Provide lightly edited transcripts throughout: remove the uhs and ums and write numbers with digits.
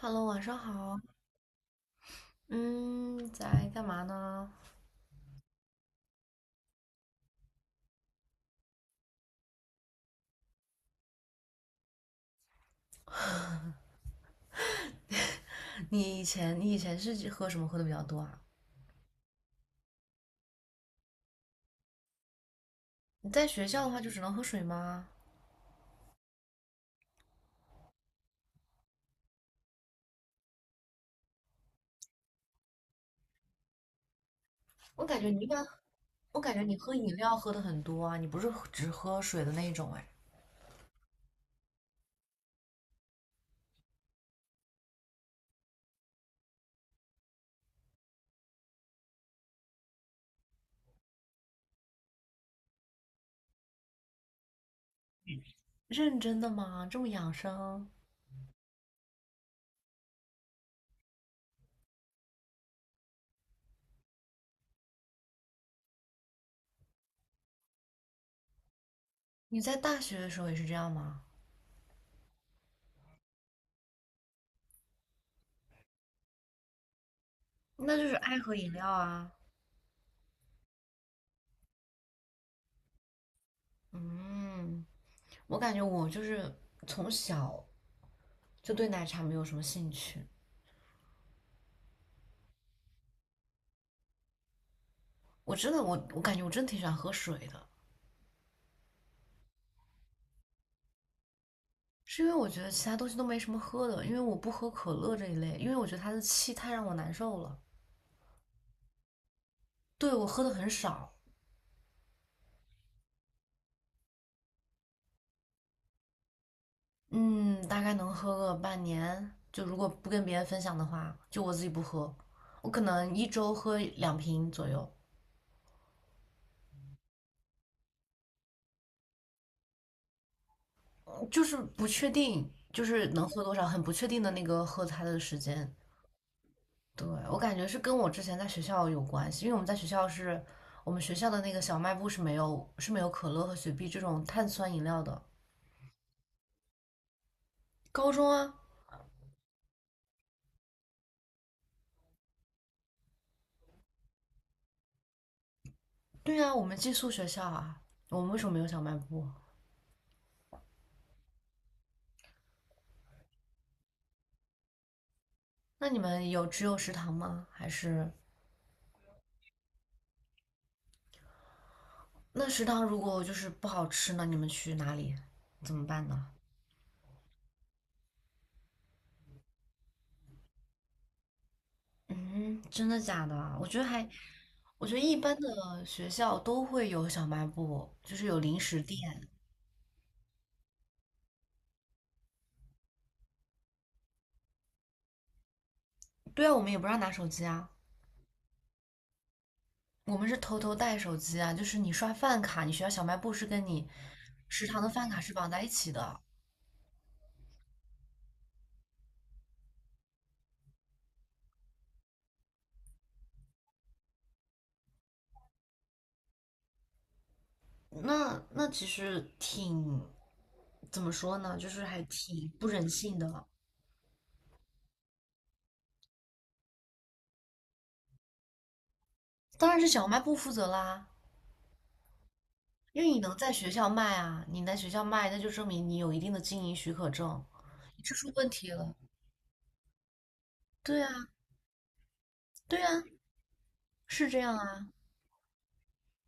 Hello，晚上好。嗯，在干嘛呢？你以前是喝什么喝的比较多啊？你在学校的话就只能喝水吗？我感觉你一般，我感觉你喝饮料喝的很多啊，你不是只喝水的那一种哎？认真的吗？这么养生？你在大学的时候也是这样吗？那就是爱喝饮料啊。嗯，我感觉我就是从小就对奶茶没有什么兴趣。我真的我感觉我真挺喜欢喝水的。是因为我觉得其他东西都没什么喝的，因为我不喝可乐这一类，因为我觉得它的气太让我难受了。对，我喝的很少，嗯，大概能喝个半年。就如果不跟别人分享的话，就我自己不喝，我可能1周喝2瓶左右，嗯就是不确定，就是能喝多少，很不确定的那个喝它的时间。对，我感觉是跟我之前在学校有关系，因为我们在学校是我们学校的那个小卖部是没有可乐和雪碧这种碳酸饮料的。高中啊，对啊，我们寄宿学校啊，我们为什么没有小卖部？那你们有只有食堂吗？还是那食堂如果就是不好吃呢？你们去哪里？怎么办呢？嗯，真的假的啊？我觉得还，我觉得一般的学校都会有小卖部，就是有零食店。对啊，我们也不让拿手机啊，我们是偷偷带手机啊。就是你刷饭卡，你学校小卖部是跟你食堂的饭卡是绑在一起的。那其实挺怎么说呢，就是还挺不人性的。当然是小卖部负责啦，因为你能在学校卖啊，你在学校卖，那就证明你有一定的经营许可证，你这出问题了。对啊，对啊，是这样啊。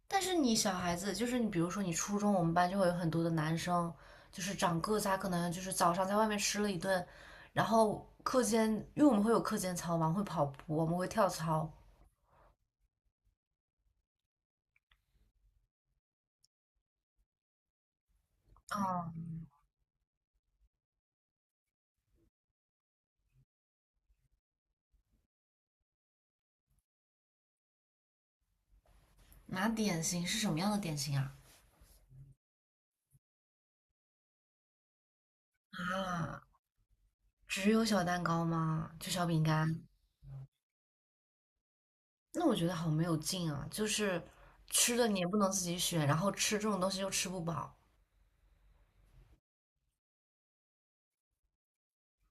但是你小孩子，就是你，比如说你初中，我们班就会有很多的男生，就是长个子啊，他可能就是早上在外面吃了1顿，然后课间，因为我们会有课间操嘛，会跑步，我们会跳操，啊，拿点心是什么样的点心啊？啊，只有小蛋糕吗？就小饼干？那我觉得好没有劲啊！就是吃的你也不能自己选，然后吃这种东西又吃不饱。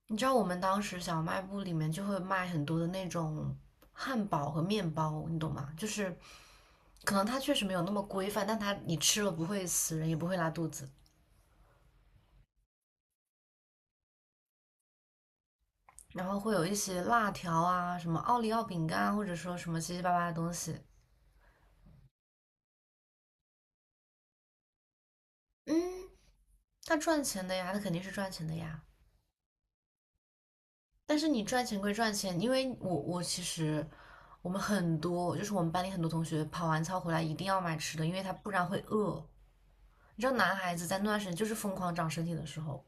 你知道我们当时小卖部里面就会卖很多的那种汉堡和面包，你懂吗？就是可能它确实没有那么规范，但它你吃了不会死人，也不会拉肚子。然后会有一些辣条啊，什么奥利奥饼干啊，或者说什么七七八八的东西。嗯，它赚钱的呀，它肯定是赚钱的呀。但是你赚钱归赚钱，因为我其实我们很多就是我们班里很多同学跑完操回来一定要买吃的，因为他不然会饿。你知道男孩子在那段时间就是疯狂长身体的时候。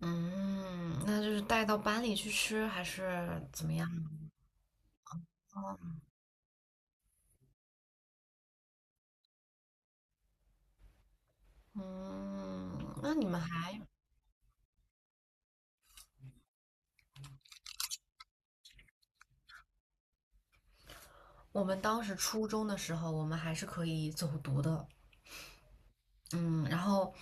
嗯，那就是带到班里去吃还是怎么样？嗯，那你们还，我们当时初中的时候，我们还是可以走读的，嗯，然后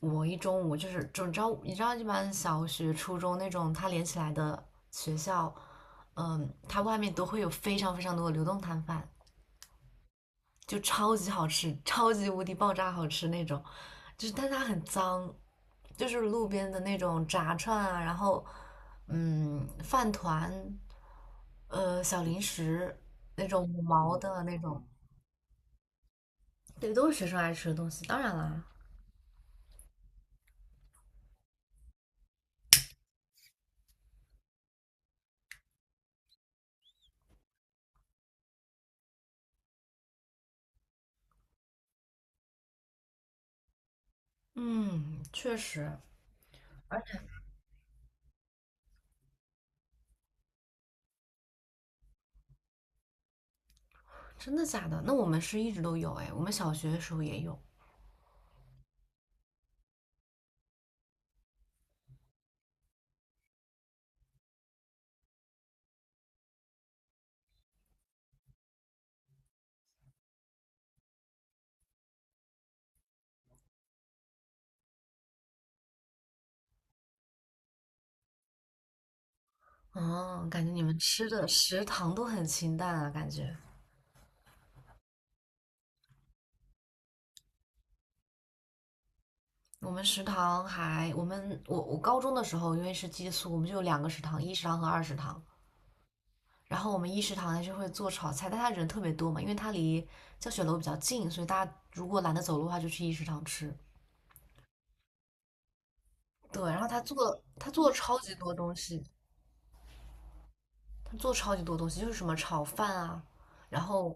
我一中午就是，就你知道，你知道一般小学、初中那种它连起来的学校，嗯，它外面都会有非常非常多的流动摊贩，就超级好吃，超级无敌爆炸好吃那种，就是但它很脏，就是路边的那种炸串啊，然后饭团，小零食那种5毛的那种，对，都是学生爱吃的东西，当然啦。嗯，确实，真的假的？那我们是一直都有哎，我们小学的时候也有。哦，感觉你们吃的食堂都很清淡啊，感觉。我们食堂还，我们我高中的时候，因为是寄宿，我们就有2个食堂，一食堂和二食堂。然后我们一食堂呢就会做炒菜，但他人特别多嘛，因为他离教学楼比较近，所以大家如果懒得走路的话，就去一食堂吃。对，然后他做了超级多东西，他做超级多东西，就是什么炒饭啊，然后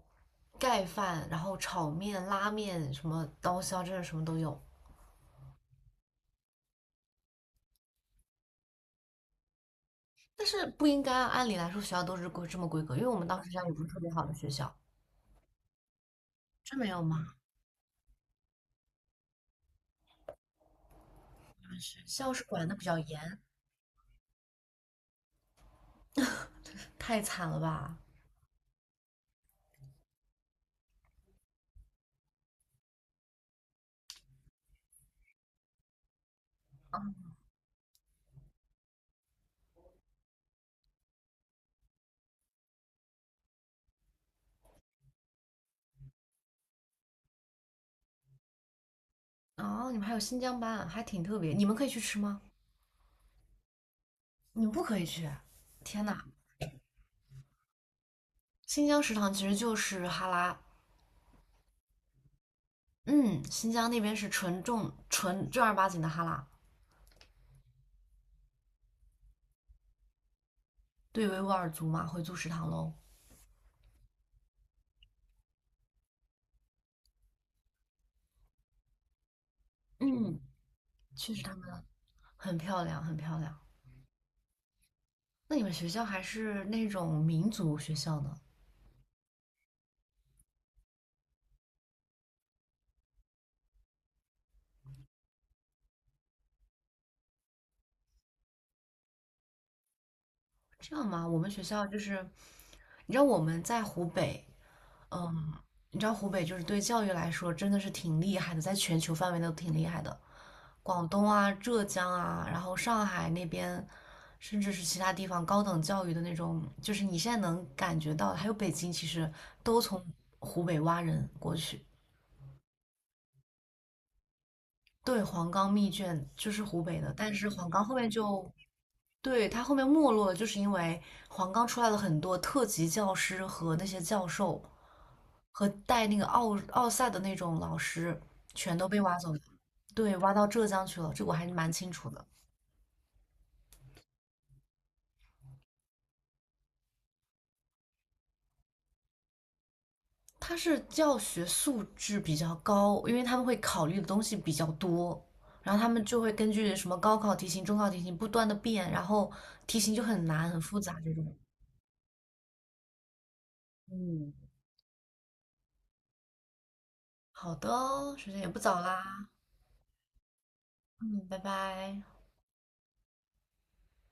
盖饭，然后炒面、拉面，什么刀削，真的什么都有。但是不应该啊，按理来说学校都是这么规格，因为我们当时学校也不是特别好的学校。真没有吗？你们学校是管的比较严，太惨了吧？哦，你们还有新疆班，还挺特别。你们可以去吃吗？你们不可以去。天呐，新疆食堂其实就是哈拉，嗯，新疆那边是纯正儿八经的哈拉。对维吾尔族嘛，回族食堂喽。嗯，确实他们很漂亮，很漂亮。那你们学校还是那种民族学校呢？这样吗？我们学校就是，你知道我们在湖北，嗯，你知道湖北就是对教育来说真的是挺厉害的，在全球范围内都挺厉害的。广东啊、浙江啊，然后上海那边，甚至是其他地方高等教育的那种，就是你现在能感觉到的，还有北京，其实都从湖北挖人过去。对，黄冈密卷就是湖北的，但是黄冈后面就，对，它后面没落了，就是因为黄冈出来了很多特级教师和那些教授和带那个奥赛的那种老师，全都被挖走了，对，挖到浙江去了，这个我还是蛮清楚的。他是教学素质比较高，因为他们会考虑的东西比较多，然后他们就会根据什么高考题型、中考题型不断的变，然后题型就很难、很复杂这种。嗯。好的哦时间也不早啦，嗯，拜拜。